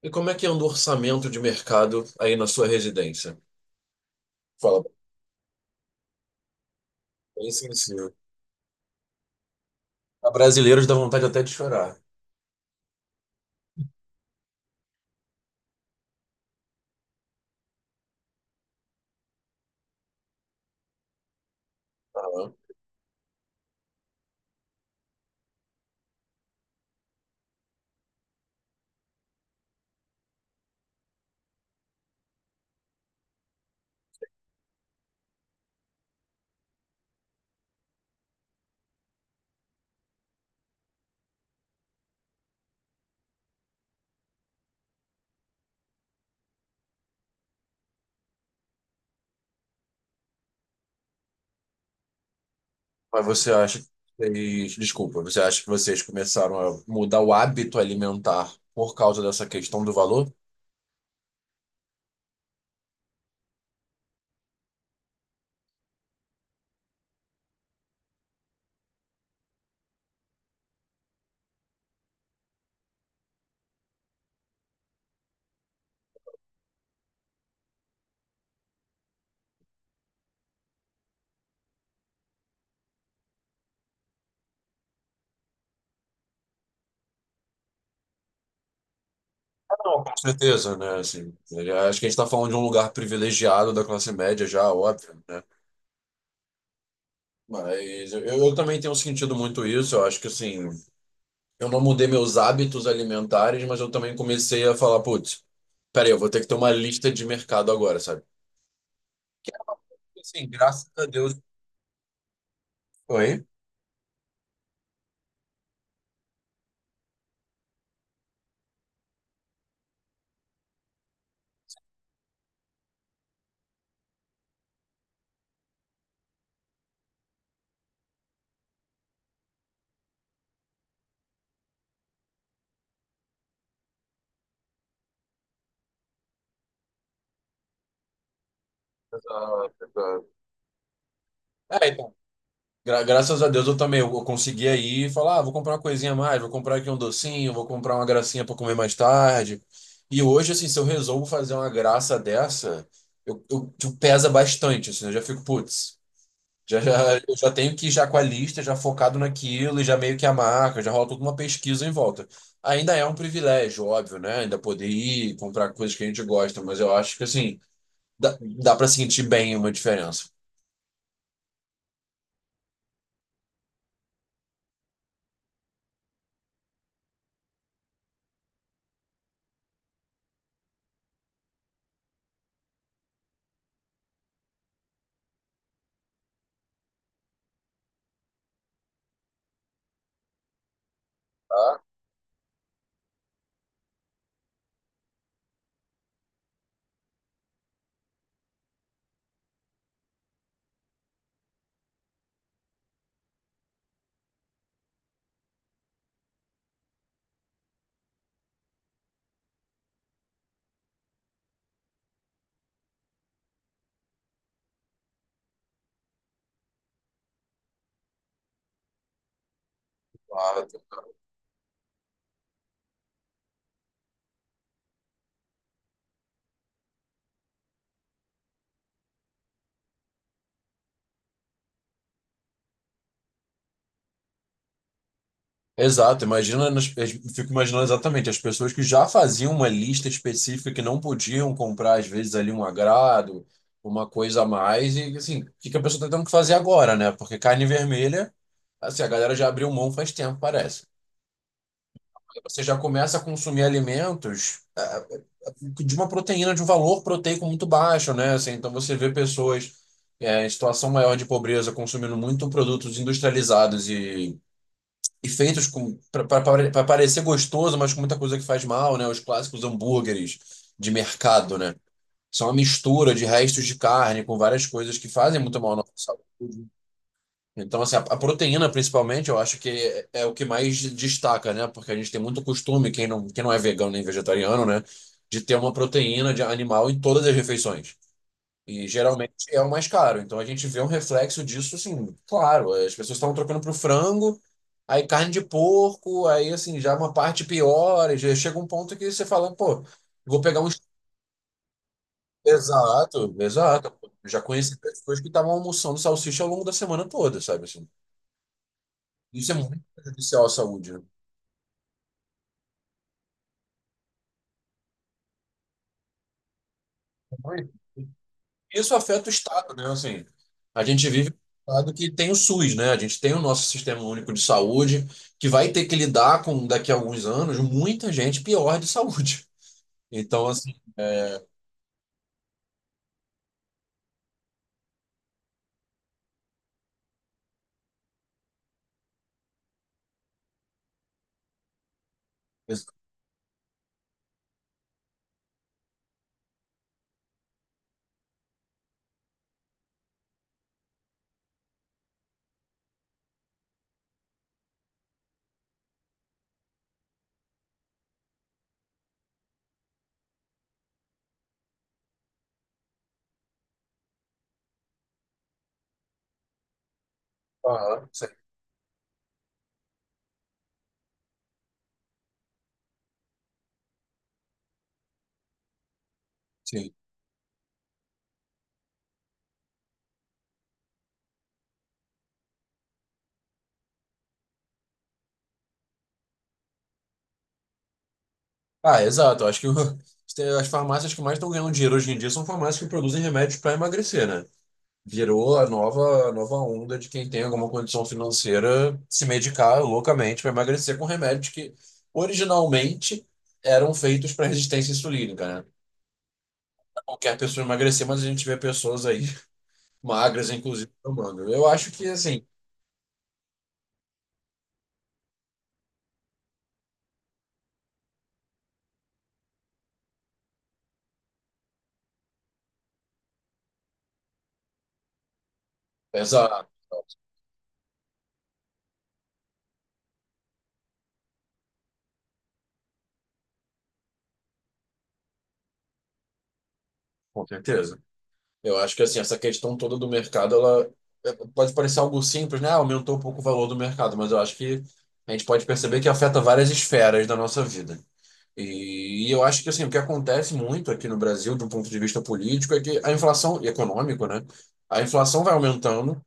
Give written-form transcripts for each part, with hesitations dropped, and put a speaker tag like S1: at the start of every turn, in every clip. S1: E como é que anda o orçamento de mercado aí na sua residência? Fala bem sensível. A brasileiros dá vontade até de chorar. Tá? Mas você acha que vocês... Desculpa, você acha que vocês começaram a mudar o hábito alimentar por causa dessa questão do valor? Não, com certeza, né? Assim, eu acho que a gente está falando de um lugar privilegiado da classe média já, óbvio, né? Mas eu também tenho sentido muito isso. Eu acho que, assim, eu não mudei meus hábitos alimentares, mas eu também comecei a falar, putz, peraí, eu vou ter que ter uma lista de mercado agora, sabe? Assim, graças a Deus. Oi? Essa- essa- É, então. Graças a Deus eu também eu consegui aí e falar, ah, vou comprar uma coisinha a mais, vou comprar aqui um docinho, vou comprar uma gracinha para comer mais tarde. E hoje, assim, se eu resolvo fazer uma graça dessa, tipo, pesa bastante, assim, eu já fico, putz. Eu já tenho que ir já com a lista, já focado naquilo e já meio que a marca, já rola toda uma pesquisa em volta. Ainda é um privilégio, óbvio, né? Ainda poder ir comprar coisas que a gente gosta, mas eu acho que assim, dá para sentir bem uma diferença. Tá? Claro. Exato, imagina, eu fico imaginando exatamente as pessoas que já faziam uma lista específica que não podiam comprar, às vezes, ali um agrado, uma coisa a mais, e assim, o que que a pessoa está tendo que fazer agora, né? Porque carne vermelha, assim, a galera já abriu mão faz tempo, parece. Você já começa a consumir alimentos ah, de uma proteína, de um valor proteico muito baixo, né? Assim, então você vê pessoas em situação maior de pobreza consumindo muito produtos industrializados e feitos para parecer gostoso, mas com muita coisa que faz mal, né? Os clássicos hambúrgueres de mercado, né? São uma mistura de restos de carne com várias coisas que fazem muito mal à nossa saúde. Então, assim, a proteína, principalmente, eu acho que é o que mais destaca, né? Porque a gente tem muito costume, quem não é vegano nem vegetariano, né? De ter uma proteína de animal em todas as refeições. E geralmente é o mais caro. Então a gente vê um reflexo disso, assim, claro. As pessoas estavam trocando pro frango, aí carne de porco, aí, assim, já uma parte pior. E já chega um ponto que você fala, pô, vou pegar um. Exato, exato. Eu já conheci pessoas que estavam almoçando salsicha ao longo da semana toda, sabe? Assim? Isso é muito prejudicial à saúde, né? Isso afeta o Estado, né? Assim, a gente vive num estado que tem o SUS, né? A gente tem o nosso sistema único de saúde, que vai ter que lidar com, daqui a alguns anos, muita gente pior de saúde. Então, assim. ex- Aham, sim. Sim. Ah, exato. As farmácias que mais estão ganhando dinheiro hoje em dia são farmácias que produzem remédios para emagrecer, né? Virou a a nova onda de quem tem alguma condição financeira se medicar loucamente para emagrecer com remédios que originalmente eram feitos para resistência insulínica, né? Qualquer pessoa emagrecer, mas a gente vê pessoas aí magras, inclusive, tomando. Eu acho que, assim, essa, Com certeza. Eu acho que, assim, essa questão toda do mercado, ela é, pode parecer algo simples, né? Ah, aumentou um pouco o valor do mercado, mas eu acho que a gente pode perceber que afeta várias esferas da nossa vida. E eu acho que assim, o que acontece muito aqui no Brasil, do ponto de vista político, é que a inflação, e econômico, né? A inflação vai aumentando,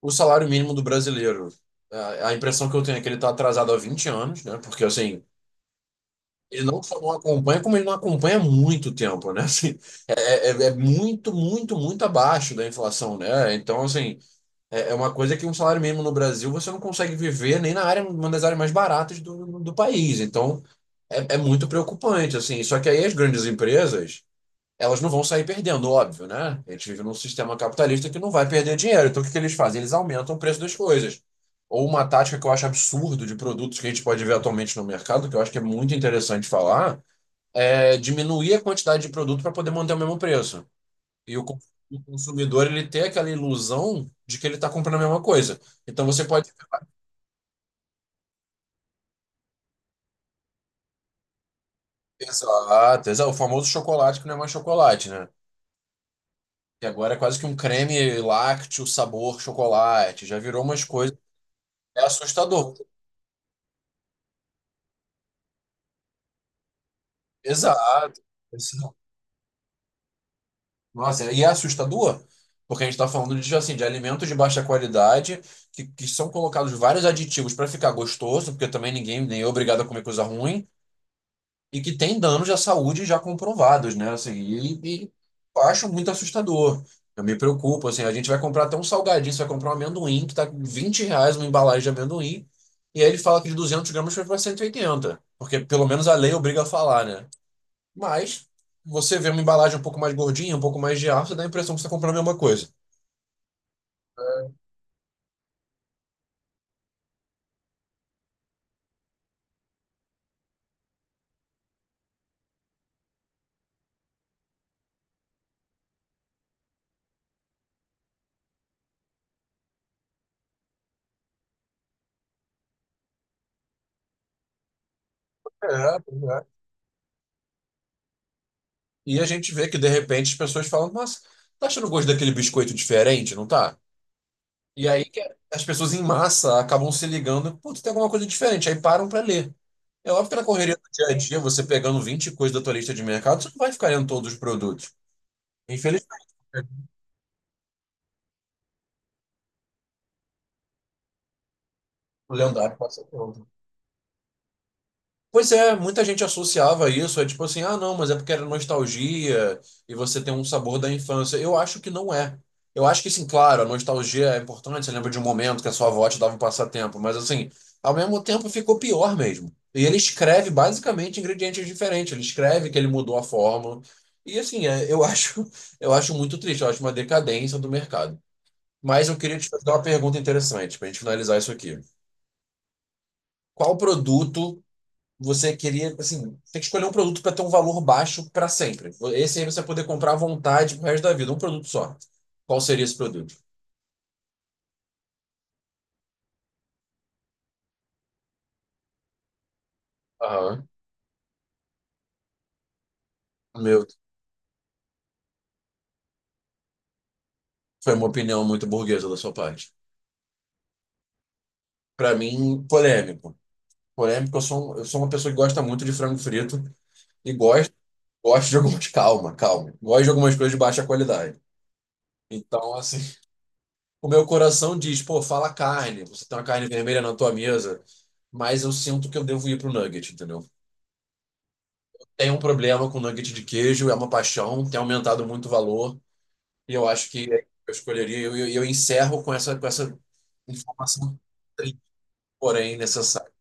S1: o salário mínimo do brasileiro. A impressão que eu tenho é que ele está atrasado há 20 anos, né? Porque assim, ele não só não acompanha, como ele não acompanha há muito tempo, né? Assim, é, é muito, muito, muito abaixo da inflação, né? Então, assim, é uma coisa que um salário mínimo no Brasil você não consegue viver nem na área, uma das áreas mais baratas do país. Então, é muito preocupante, assim. Só que aí as grandes empresas, elas não vão sair perdendo, óbvio, né? A gente vive num sistema capitalista que não vai perder dinheiro. Então, o que que eles fazem? Eles aumentam o preço das coisas. Ou uma tática que eu acho absurdo de produtos que a gente pode ver atualmente no mercado, que eu acho que é muito interessante falar, é diminuir a quantidade de produto para poder manter o mesmo preço. E o con- o consumidor, ele tem aquela ilusão de que ele está comprando a mesma coisa. Então, você pode... Exato, exato. O famoso chocolate que não é mais chocolate, né? E agora é quase que um creme lácteo, sabor chocolate. Já virou umas coisas. É assustador. Exato. Esse- Nossa, e é assustador, porque a gente está falando de, assim, de alimentos de baixa qualidade, que são colocados vários aditivos para ficar gostoso, porque também ninguém nem é obrigado a comer coisa ruim, e que tem danos à saúde já comprovados, né? Assim, eu acho muito assustador. Eu me preocupo, assim, a gente vai comprar até um salgadinho, você vai comprar um amendoim que tá com R$ 20 uma embalagem de amendoim, e aí ele fala que de 200 gramas foi para 180, porque pelo menos a lei obriga a falar, né? Mas você vê uma embalagem um pouco mais gordinha, um pouco mais de ar, você dá a impressão que você está comprando a mesma coisa. É, pois é. E a gente vê que de repente as pessoas falam, mas tá achando o gosto daquele biscoito diferente, não tá? E aí que as pessoas em massa acabam se ligando, putz, tem alguma coisa diferente, aí param para ler. É óbvio que na correria do dia a dia, você pegando 20 coisas da tua lista de mercado, você não vai ficar lendo todos os produtos. Infelizmente, o lendário passa por. Pois é, muita gente associava isso, é tipo assim, ah, não, mas é porque era nostalgia e você tem um sabor da infância. Eu acho que não é. Eu acho que, sim, claro, a nostalgia é importante, você lembra de um momento que a sua avó te dava um passatempo, mas assim, ao mesmo tempo ficou pior mesmo. E ele escreve basicamente ingredientes diferentes, ele escreve que ele mudou a fórmula. E assim, é, eu acho, eu acho muito triste, eu acho uma decadência do mercado. Mas eu queria te fazer uma pergunta interessante para a gente finalizar isso aqui. Qual produto você queria, assim, tem que escolher um produto para ter um valor baixo para sempre. Esse aí você vai poder comprar à vontade pro resto da vida, um produto só. Qual seria esse produto? Aham. Meu, foi uma opinião muito burguesa da sua parte. Para mim, polêmico. Polêmico, eu sou uma pessoa que gosta muito de frango frito e gosto de algumas. Calma, calma. Gosto de algumas coisas de baixa qualidade. Então, assim, o meu coração diz, pô, fala carne, você tem uma carne vermelha na tua mesa, mas eu sinto que eu devo ir pro nugget, entendeu? Tem um problema com nugget de queijo, é uma paixão, tem aumentado muito o valor, e eu acho que eu escolheria, e eu, encerro com essa informação, porém necessária.